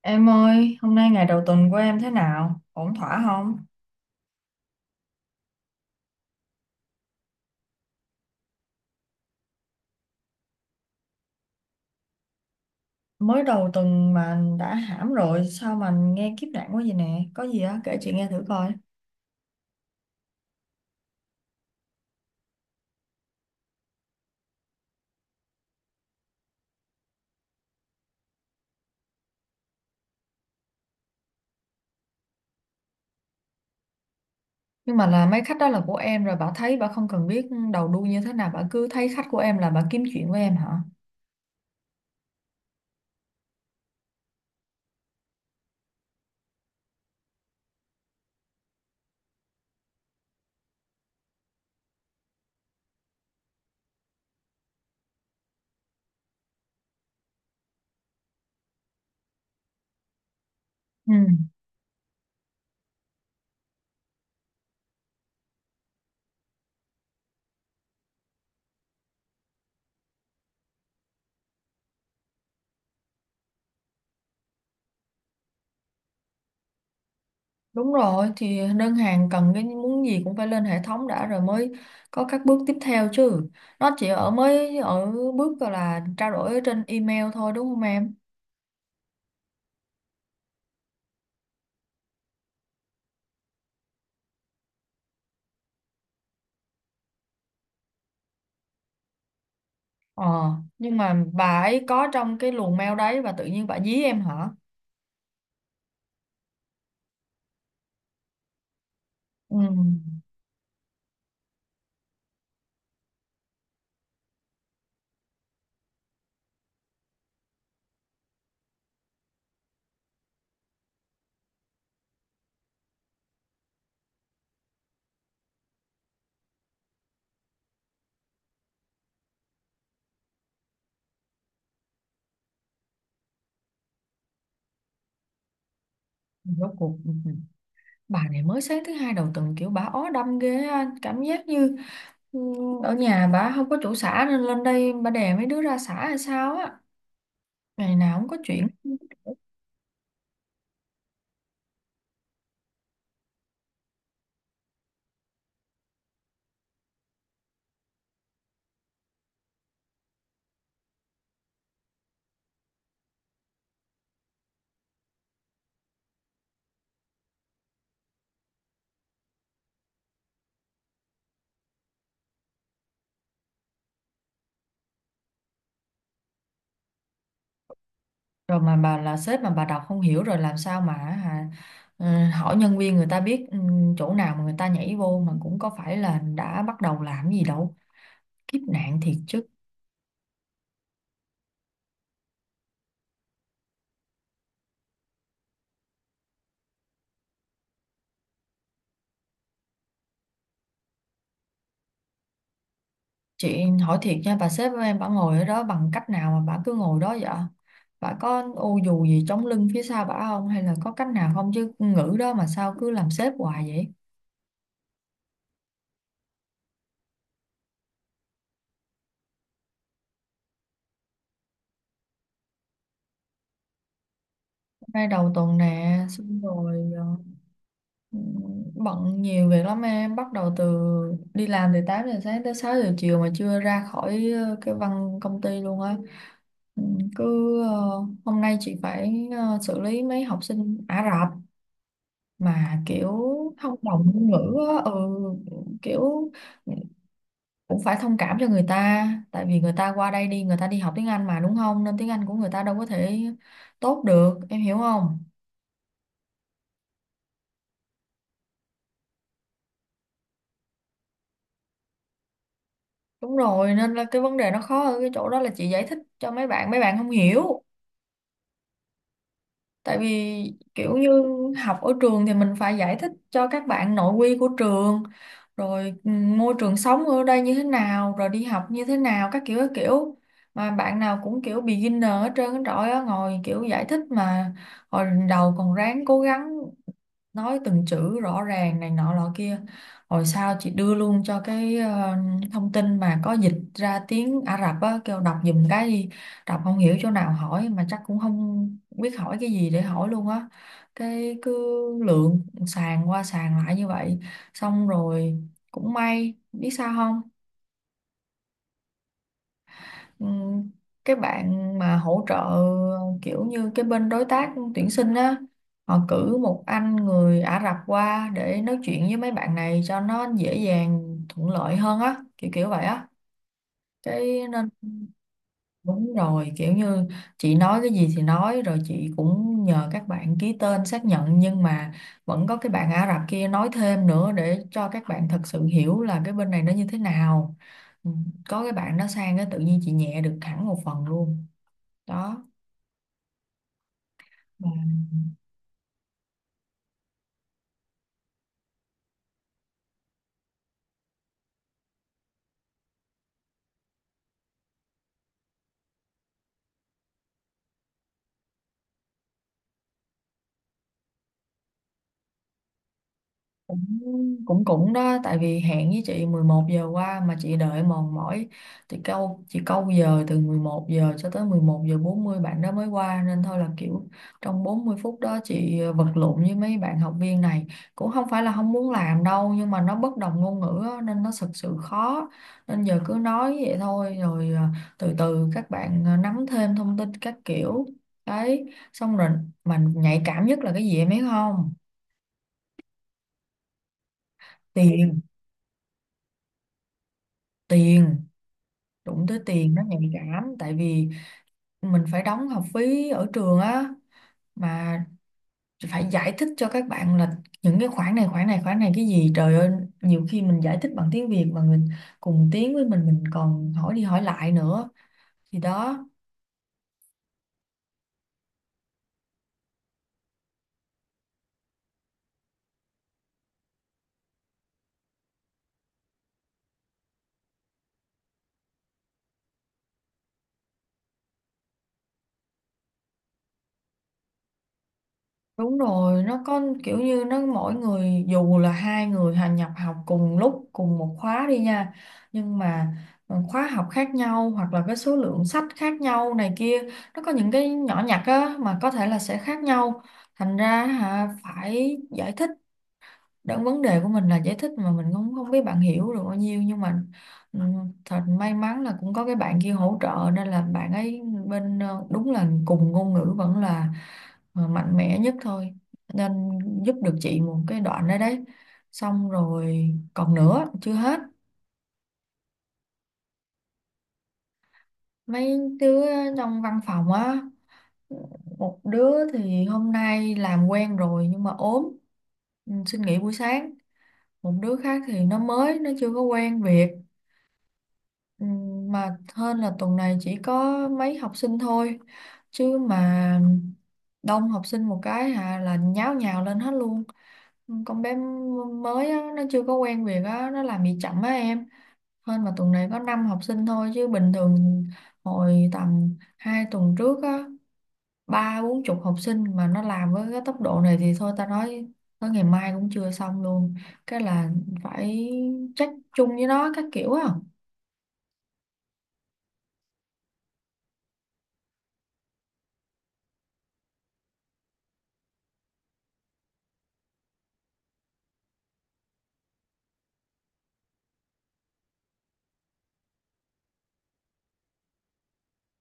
Em ơi, hôm nay ngày đầu tuần của em thế nào? Ổn thỏa không? Mới đầu tuần mà đã hãm rồi, sao mà nghe kiếp nạn quá vậy nè? Có gì á, kể chị nghe thử coi. Nhưng mà là mấy khách đó là của em rồi, bà thấy bà không cần biết đầu đuôi như thế nào, bà cứ thấy khách của em là bà kiếm chuyện với em hả? Ừ. Đúng rồi, thì đơn hàng cần cái muốn gì cũng phải lên hệ thống đã rồi mới có các bước tiếp theo chứ. Nó chỉ mới ở bước gọi là trao đổi ở trên email thôi đúng không em? Ờ, nhưng mà bà ấy có trong cái luồng mail đấy và tự nhiên bà dí em hả? Ừ, rốt cuộc bà này mới sáng thứ hai đầu tuần kiểu bà ó đâm ghê á, cảm giác như ừ, ở nhà bà không có chỗ xả nên lên đây bà đè mấy đứa ra xả hay sao á. Ngày nào cũng có chuyện. Rồi mà bà là sếp mà bà đọc không hiểu rồi làm sao mà hả? Hỏi nhân viên người ta biết, chỗ nào mà người ta nhảy vô mà cũng có phải là đã bắt đầu làm gì đâu. Kiếp nạn thiệt chứ. Chị hỏi thiệt nha, bà sếp của em bà ngồi ở đó bằng cách nào mà bà cứ ngồi đó vậy? Bà có ô dù gì chống lưng phía sau bà không? Hay là có cách nào không chứ ngữ đó mà sao cứ làm sếp hoài vậy? Hôm nay đầu tuần nè, xong rồi ừ, bận nhiều việc lắm em. Bắt đầu đi làm từ 8 giờ sáng tới 6 giờ chiều mà chưa ra khỏi cái công ty luôn á. Ừ, Cứ ờ, hôm nay chị phải xử lý mấy học sinh Ả Rập. Mà kiểu thông đồng ngôn ngữ á, kiểu cũng phải thông cảm cho người ta tại vì người ta qua đây đi, người ta đi học tiếng Anh mà đúng không, nên tiếng Anh của người ta đâu có thể tốt được, em hiểu không? Đúng rồi, nên là cái vấn đề nó khó ở cái chỗ đó là chị giải thích cho mấy bạn, mấy bạn không hiểu. Tại vì kiểu như học ở trường thì mình phải giải thích cho các bạn nội quy của trường rồi môi trường sống ở đây như thế nào, rồi đi học như thế nào các kiểu các kiểu, mà bạn nào cũng kiểu beginner hết trơn á, trời ơi ngồi kiểu giải thích mà. Hồi đầu còn ráng cố gắng nói từng chữ rõ ràng này nọ lọ kia, hồi sau chị đưa luôn cho cái thông tin mà có dịch ra tiếng Ả Rập á, kêu đọc giùm cái đi, đọc không hiểu chỗ nào hỏi, mà chắc cũng không biết hỏi cái gì để hỏi luôn á, cái cứ lượn sàn qua sàn lại như vậy. Xong rồi cũng may biết sao không? Ừ, cái bạn mà hỗ trợ kiểu như cái bên đối tác tuyển sinh á, họ cử một anh người Ả Rập qua để nói chuyện với mấy bạn này cho nó dễ dàng thuận lợi hơn á, kiểu kiểu vậy á, cái nên đúng rồi, kiểu như chị nói cái gì thì nói rồi chị cũng nhờ các bạn ký tên xác nhận, nhưng mà vẫn có cái bạn Ả Rập kia nói thêm nữa để cho các bạn thật sự hiểu là cái bên này nó như thế nào. Ừ, có cái bạn đó sang cái tự nhiên chị nhẹ được hẳn một phần luôn đó. Mà cũng cũng cũng đó, tại vì hẹn với chị 11 giờ qua mà chị đợi mòn mỏi, thì câu chị câu giờ từ 11 giờ cho tới 11 giờ 40 bạn đó mới qua, nên thôi là kiểu trong 40 phút đó chị vật lộn với mấy bạn học viên này. Cũng không phải là không muốn làm đâu nhưng mà nó bất đồng ngôn ngữ á, nên nó thực sự khó, nên giờ cứ nói vậy thôi rồi từ từ các bạn à, nắm thêm thông tin các kiểu đấy. Xong rồi mà nhạy cảm nhất là cái gì em biết không? Tiền. Tiền. Đụng tới tiền nó nhạy cảm tại vì mình phải đóng học phí ở trường á, mà phải giải thích cho các bạn là những cái khoản này khoản này khoản này, cái gì trời ơi, nhiều khi mình giải thích bằng tiếng Việt mà người cùng tiếng với mình còn hỏi đi hỏi lại nữa, thì đó. Đúng rồi, nó có kiểu như nó mỗi người dù là hai người hành nhập học cùng lúc cùng một khóa đi nha, nhưng mà khóa học khác nhau hoặc là cái số lượng sách khác nhau này kia, nó có những cái nhỏ nhặt á mà có thể là sẽ khác nhau, thành ra hả phải giải thích. Đó, vấn đề của mình là giải thích mà mình cũng không biết bạn hiểu được bao nhiêu, nhưng mà ừ, thật may mắn là cũng có cái bạn kia hỗ trợ, nên là bạn ấy bên đúng là cùng ngôn ngữ vẫn là mạnh mẽ nhất thôi, nên giúp được chị một cái đoạn đấy đấy. Xong rồi còn nữa chưa hết, mấy đứa trong văn phòng á, một đứa thì hôm nay làm quen rồi nhưng mà ốm, xin nghỉ buổi sáng, một đứa khác thì nó chưa có quen việc. Ừ, mà hơn là tuần này chỉ có mấy học sinh thôi chứ mà đông học sinh một cái hà là nháo nhào lên hết luôn. Con bé mới á, nó chưa có quen việc á, nó làm bị chậm á em. Hơn mà tuần này có 5 học sinh thôi chứ bình thường hồi tầm 2 tuần trước á, ba bốn chục học sinh mà nó làm với cái tốc độ này thì thôi ta nói tới ngày mai cũng chưa xong luôn, cái là phải trách chung với nó các kiểu á.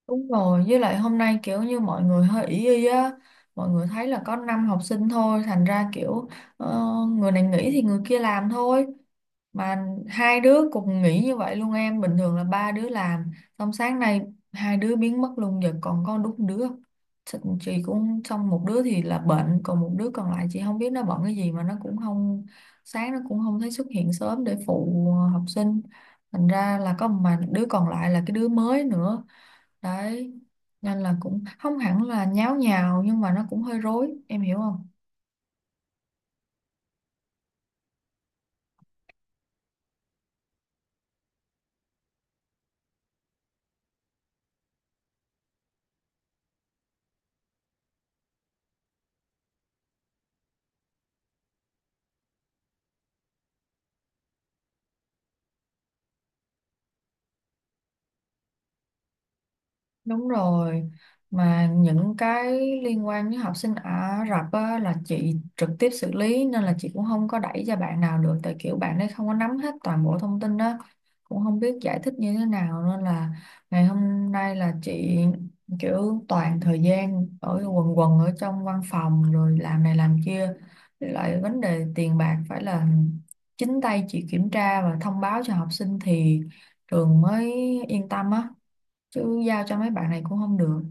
Đúng rồi, với lại hôm nay kiểu như mọi người hơi ý y á, mọi người thấy là có 5 học sinh thôi, thành ra kiểu ờ, người này nghỉ thì người kia làm thôi. Mà hai đứa cùng nghỉ như vậy luôn em, bình thường là ba đứa làm, xong sáng nay hai đứa biến mất luôn, giờ còn có đúng đứa. Chị cũng xong, một đứa thì là bệnh, còn một đứa còn lại chị không biết nó bận cái gì mà nó cũng không, sáng nó cũng không thấy xuất hiện sớm để phụ học sinh. Thành ra là có mà đứa còn lại là cái đứa mới nữa đấy, nên là cũng không hẳn là nháo nhào nhưng mà nó cũng hơi rối, em hiểu không? Đúng rồi, mà những cái liên quan với học sinh Ả Rập á, là chị trực tiếp xử lý, nên là chị cũng không có đẩy cho bạn nào được, tại kiểu bạn ấy không có nắm hết toàn bộ thông tin đó, cũng không biết giải thích như thế nào, nên là ngày hôm nay là chị kiểu toàn thời gian ở quần quần ở trong văn phòng rồi làm này làm kia. Với lại vấn đề tiền bạc phải là chính tay chị kiểm tra và thông báo cho học sinh thì trường mới yên tâm á, chứ giao cho mấy bạn này cũng không được.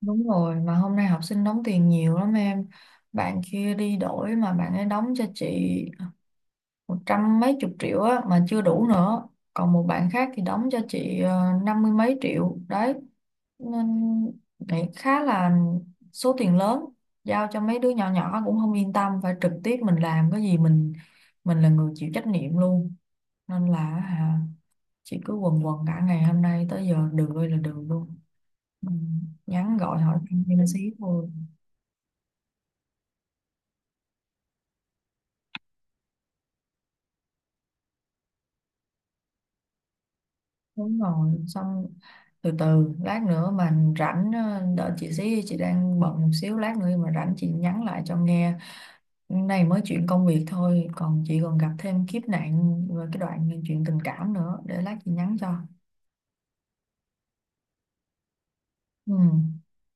Đúng rồi, mà hôm nay học sinh đóng tiền nhiều lắm em, bạn kia đi đổi mà bạn ấy đóng cho chị một trăm mấy chục triệu á mà chưa đủ nữa, còn một bạn khác thì đóng cho chị năm mươi mấy triệu đấy. Nên nghĩ khá là số tiền lớn, giao cho mấy đứa nhỏ nhỏ cũng không yên tâm, phải trực tiếp mình làm cái gì mình là người chịu trách nhiệm luôn. Nên là hả, chị cứ quần quần cả ngày hôm nay tới giờ được ơi là được luôn. Ừ, nhắn gọi hỏi thăm thêm xíu thôi. Đúng rồi, xong từ từ lát nữa mà rảnh, đợi chị xí, chị đang bận một xíu, lát nữa mà rảnh chị nhắn lại cho nghe. Này mới chuyện công việc thôi, còn chị còn gặp thêm kiếp nạn rồi cái đoạn chuyện tình cảm nữa, để lát chị nhắn cho. Ừ.